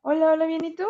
Hola, hola, ¿bien y tú?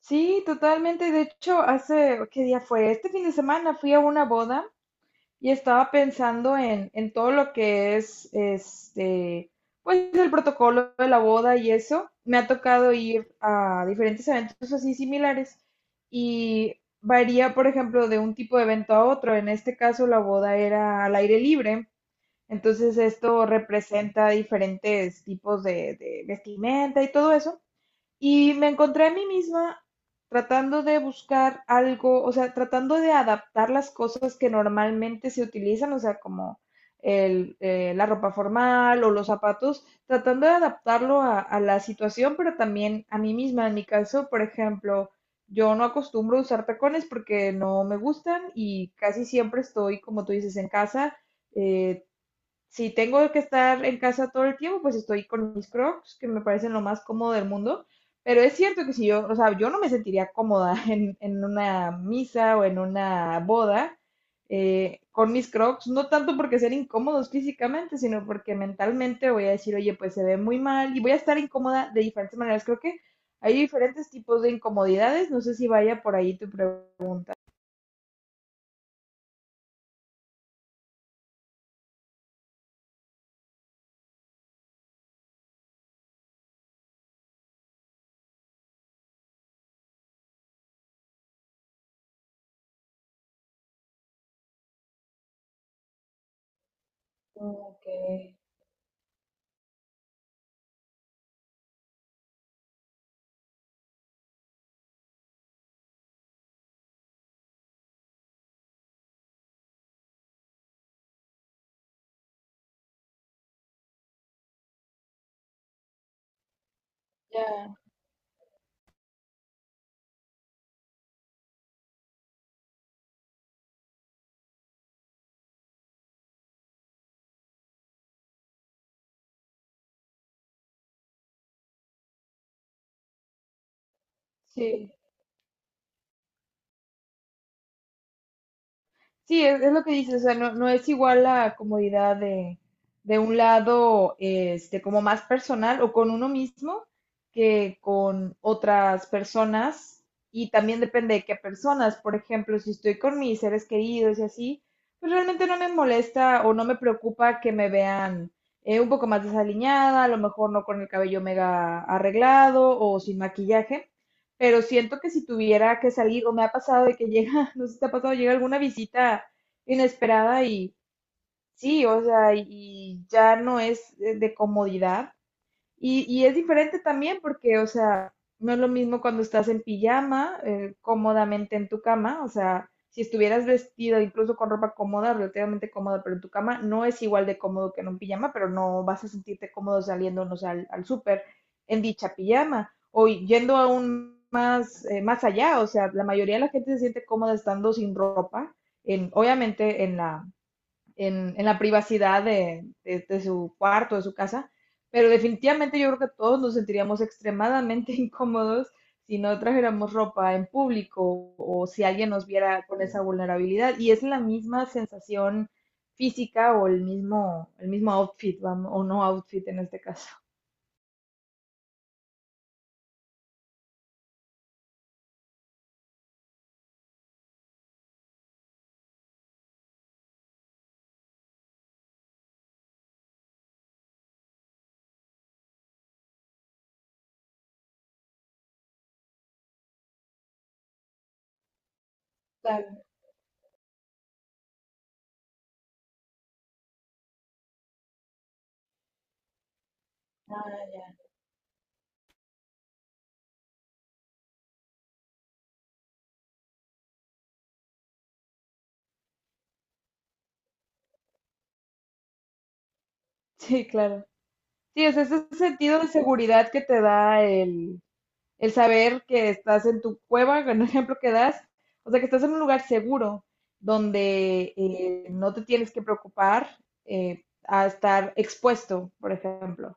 Sí, totalmente. De hecho, hace, ¿qué día fue? Este fin de semana fui a una boda y estaba pensando en todo lo que es, este, pues el protocolo de la boda y eso. Me ha tocado ir a diferentes eventos así similares y varía, por ejemplo, de un tipo de evento a otro. En este caso, la boda era al aire libre. Entonces, esto representa diferentes tipos de vestimenta y todo eso. Y me encontré a mí misma tratando de buscar algo, o sea, tratando de adaptar las cosas que normalmente se utilizan, o sea, como el, la ropa formal o los zapatos, tratando de adaptarlo a la situación, pero también a mí misma. En mi caso, por ejemplo, yo no acostumbro a usar tacones porque no me gustan y casi siempre estoy, como tú dices, en casa. eh, si tengo que estar en casa todo el tiempo, pues estoy con mis crocs, que me parecen lo más cómodo del mundo. Pero es cierto que si yo, o sea, yo no me sentiría cómoda en una misa o en una boda con mis crocs, no tanto porque sean incómodos físicamente, sino porque mentalmente voy a decir, oye, pues se ve muy mal y voy a estar incómoda de diferentes maneras. Creo que hay diferentes tipos de incomodidades. No sé si vaya por ahí tu pregunta. Ok, ya, sí. Sí, es lo que dices, o sea, no, no es igual la comodidad de un lado, este, como más personal o con uno mismo que con otras personas. Y también depende de qué personas. Por ejemplo, si estoy con mis seres queridos y así, pues realmente no me molesta o no me preocupa que me vean un poco más desaliñada, a lo mejor no con el cabello mega arreglado o sin maquillaje, pero siento que si tuviera que salir, o me ha pasado de que llega, no sé si te ha pasado, llega alguna visita inesperada y sí, o sea, y ya no es de comodidad, y es diferente también porque, o sea, no es lo mismo cuando estás en pijama, cómodamente en tu cama, o sea, si estuvieras vestido incluso con ropa cómoda, relativamente cómoda, pero en tu cama, no es igual de cómodo que en un pijama, pero no vas a sentirte cómodo saliéndonos al, al súper en dicha pijama o yendo aún más, más allá, o sea, la mayoría de la gente se siente cómoda estando sin ropa, en, obviamente en la privacidad de su cuarto, de su casa, pero definitivamente yo creo que todos nos sentiríamos extremadamente incómodos si no trajéramos ropa en público o si alguien nos viera con esa vulnerabilidad. Y es la misma sensación física o el mismo outfit, vamos, o no outfit en este caso. Claro. Sí, claro. Sí, es ese sentido de seguridad que te da el saber que estás en tu cueva, con el ejemplo que das, o sea, que estás en un lugar seguro donde no te tienes que preocupar a estar expuesto, por ejemplo.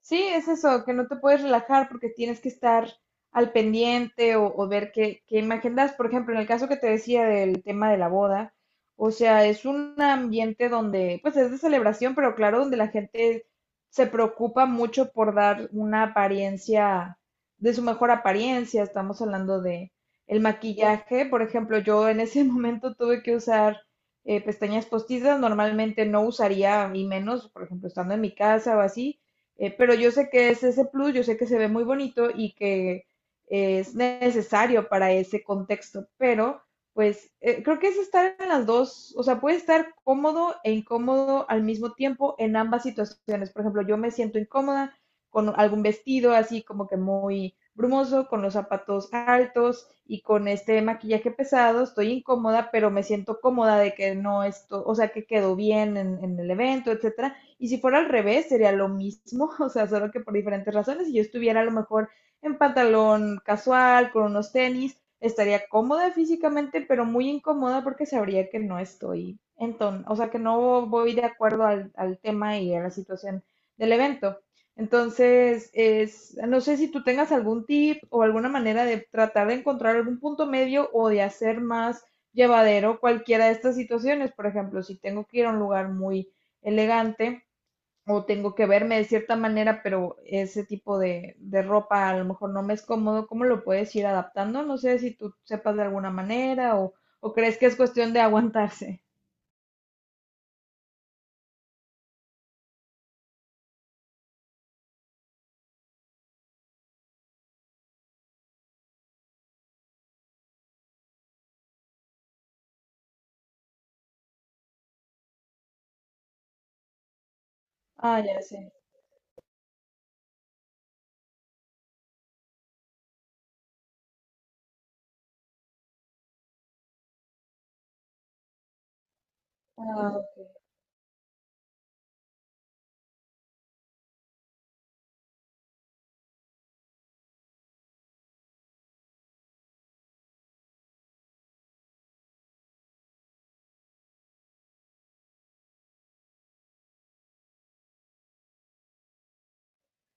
Sí, es eso, que no te puedes relajar porque tienes que estar al pendiente o ver qué, qué imagen das. Por ejemplo, en el caso que te decía del tema de la boda, o sea, es un ambiente donde, pues es de celebración, pero claro, donde la gente se preocupa mucho por dar una apariencia, de su mejor apariencia. Estamos hablando de el maquillaje, por ejemplo, yo en ese momento tuve que usar pestañas postizas, normalmente no usaría, y menos, por ejemplo, estando en mi casa o así, pero yo sé que es ese plus, yo sé que se ve muy bonito y que es necesario para ese contexto, pero pues creo que es estar en las dos, o sea, puede estar cómodo e incómodo al mismo tiempo en ambas situaciones. Por ejemplo, yo me siento incómoda con algún vestido así como que muy brumoso, con los zapatos altos y con este maquillaje pesado, estoy incómoda, pero me siento cómoda de que no esto, o sea, que quedó bien en el evento, etcétera. Y si fuera al revés, sería lo mismo, o sea, solo que por diferentes razones. Si yo estuviera a lo mejor en pantalón casual, con unos tenis, estaría cómoda físicamente, pero muy incómoda porque sabría que no estoy, entonces, o sea, que no voy de acuerdo al, al tema y a la situación del evento. Entonces, es, no sé si tú tengas algún tip o alguna manera de tratar de encontrar algún punto medio o de hacer más llevadero cualquiera de estas situaciones. Por ejemplo, si tengo que ir a un lugar muy elegante, o tengo que verme de cierta manera, pero ese tipo de ropa a lo mejor no me es cómodo, ¿cómo lo puedes ir adaptando? No sé si tú sepas de alguna manera, o crees que es cuestión de aguantarse. Ah, ya sé. Ah, ok.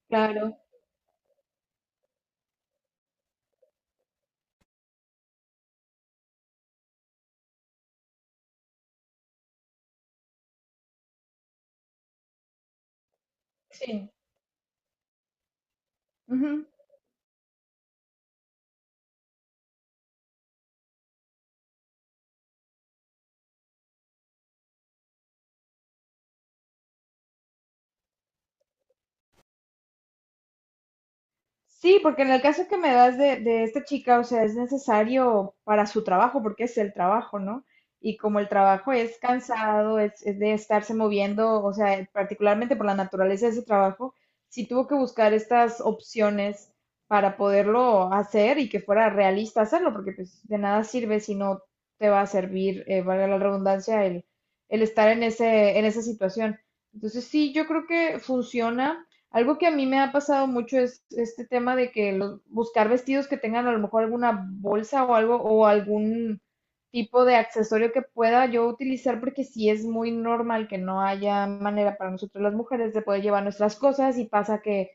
Claro, sí. Sí, porque en el caso que me das de esta chica, o sea, es necesario para su trabajo, porque es el trabajo, ¿no? Y como el trabajo es cansado, es de estarse moviendo, o sea, particularmente por la naturaleza de ese trabajo, sí tuvo que buscar estas opciones para poderlo hacer y que fuera realista hacerlo, porque pues de nada sirve si no te va a servir, valga la redundancia, el estar en ese, en esa situación. Entonces sí, yo creo que funciona. Algo que a mí me ha pasado mucho es este tema de que los- buscar vestidos que tengan a lo mejor alguna bolsa o algo o algún tipo de accesorio que pueda yo utilizar, porque sí es muy normal que no haya manera para nosotros las mujeres de poder llevar nuestras cosas y pasa que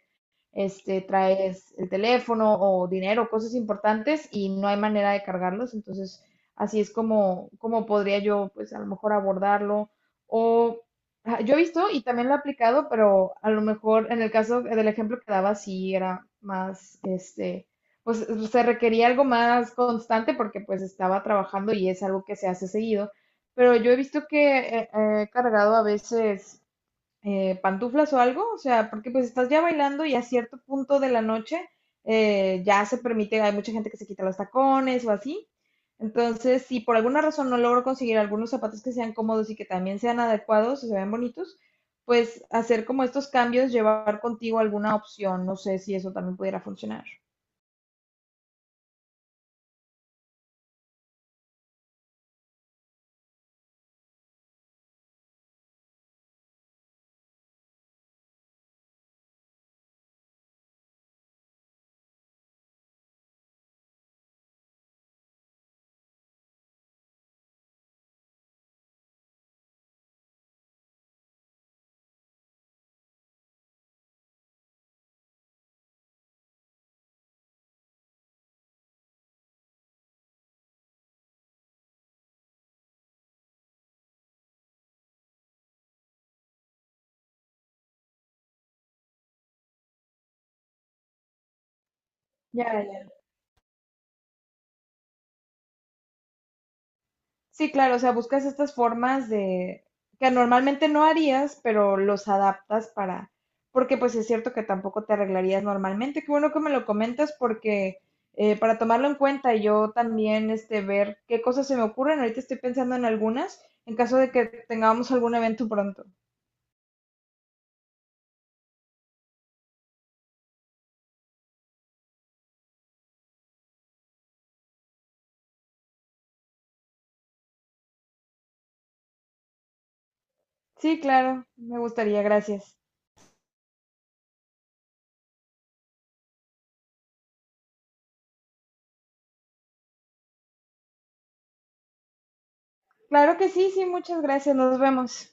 este, traes el teléfono o dinero, cosas importantes y no hay manera de cargarlos. Entonces, así es como, como podría yo, pues a lo mejor abordarlo. O ah, yo he visto y también lo he aplicado, pero a lo mejor en el caso del ejemplo que daba, sí era más, este, pues se requería algo más constante porque pues estaba trabajando y es algo que se hace seguido. Pero yo he visto que he cargado a veces pantuflas o algo, o sea, porque pues estás ya bailando y a cierto punto de la noche ya se permite, hay mucha gente que se quita los tacones o así. Entonces, si por alguna razón no logro conseguir algunos zapatos que sean cómodos y que también sean adecuados o se vean bonitos, pues hacer como estos cambios, llevar contigo alguna opción, no sé si eso también pudiera funcionar. Ya. Sí, claro, o sea, buscas estas formas de que normalmente no harías, pero los adaptas para, porque pues es cierto que tampoco te arreglarías normalmente. Qué bueno que me lo comentas porque para tomarlo en cuenta y yo también este ver qué cosas se me ocurren. Ahorita estoy pensando en algunas en caso de que tengamos algún evento pronto. Sí, claro, me gustaría, gracias. Claro que sí, sí, muchas gracias, nos vemos.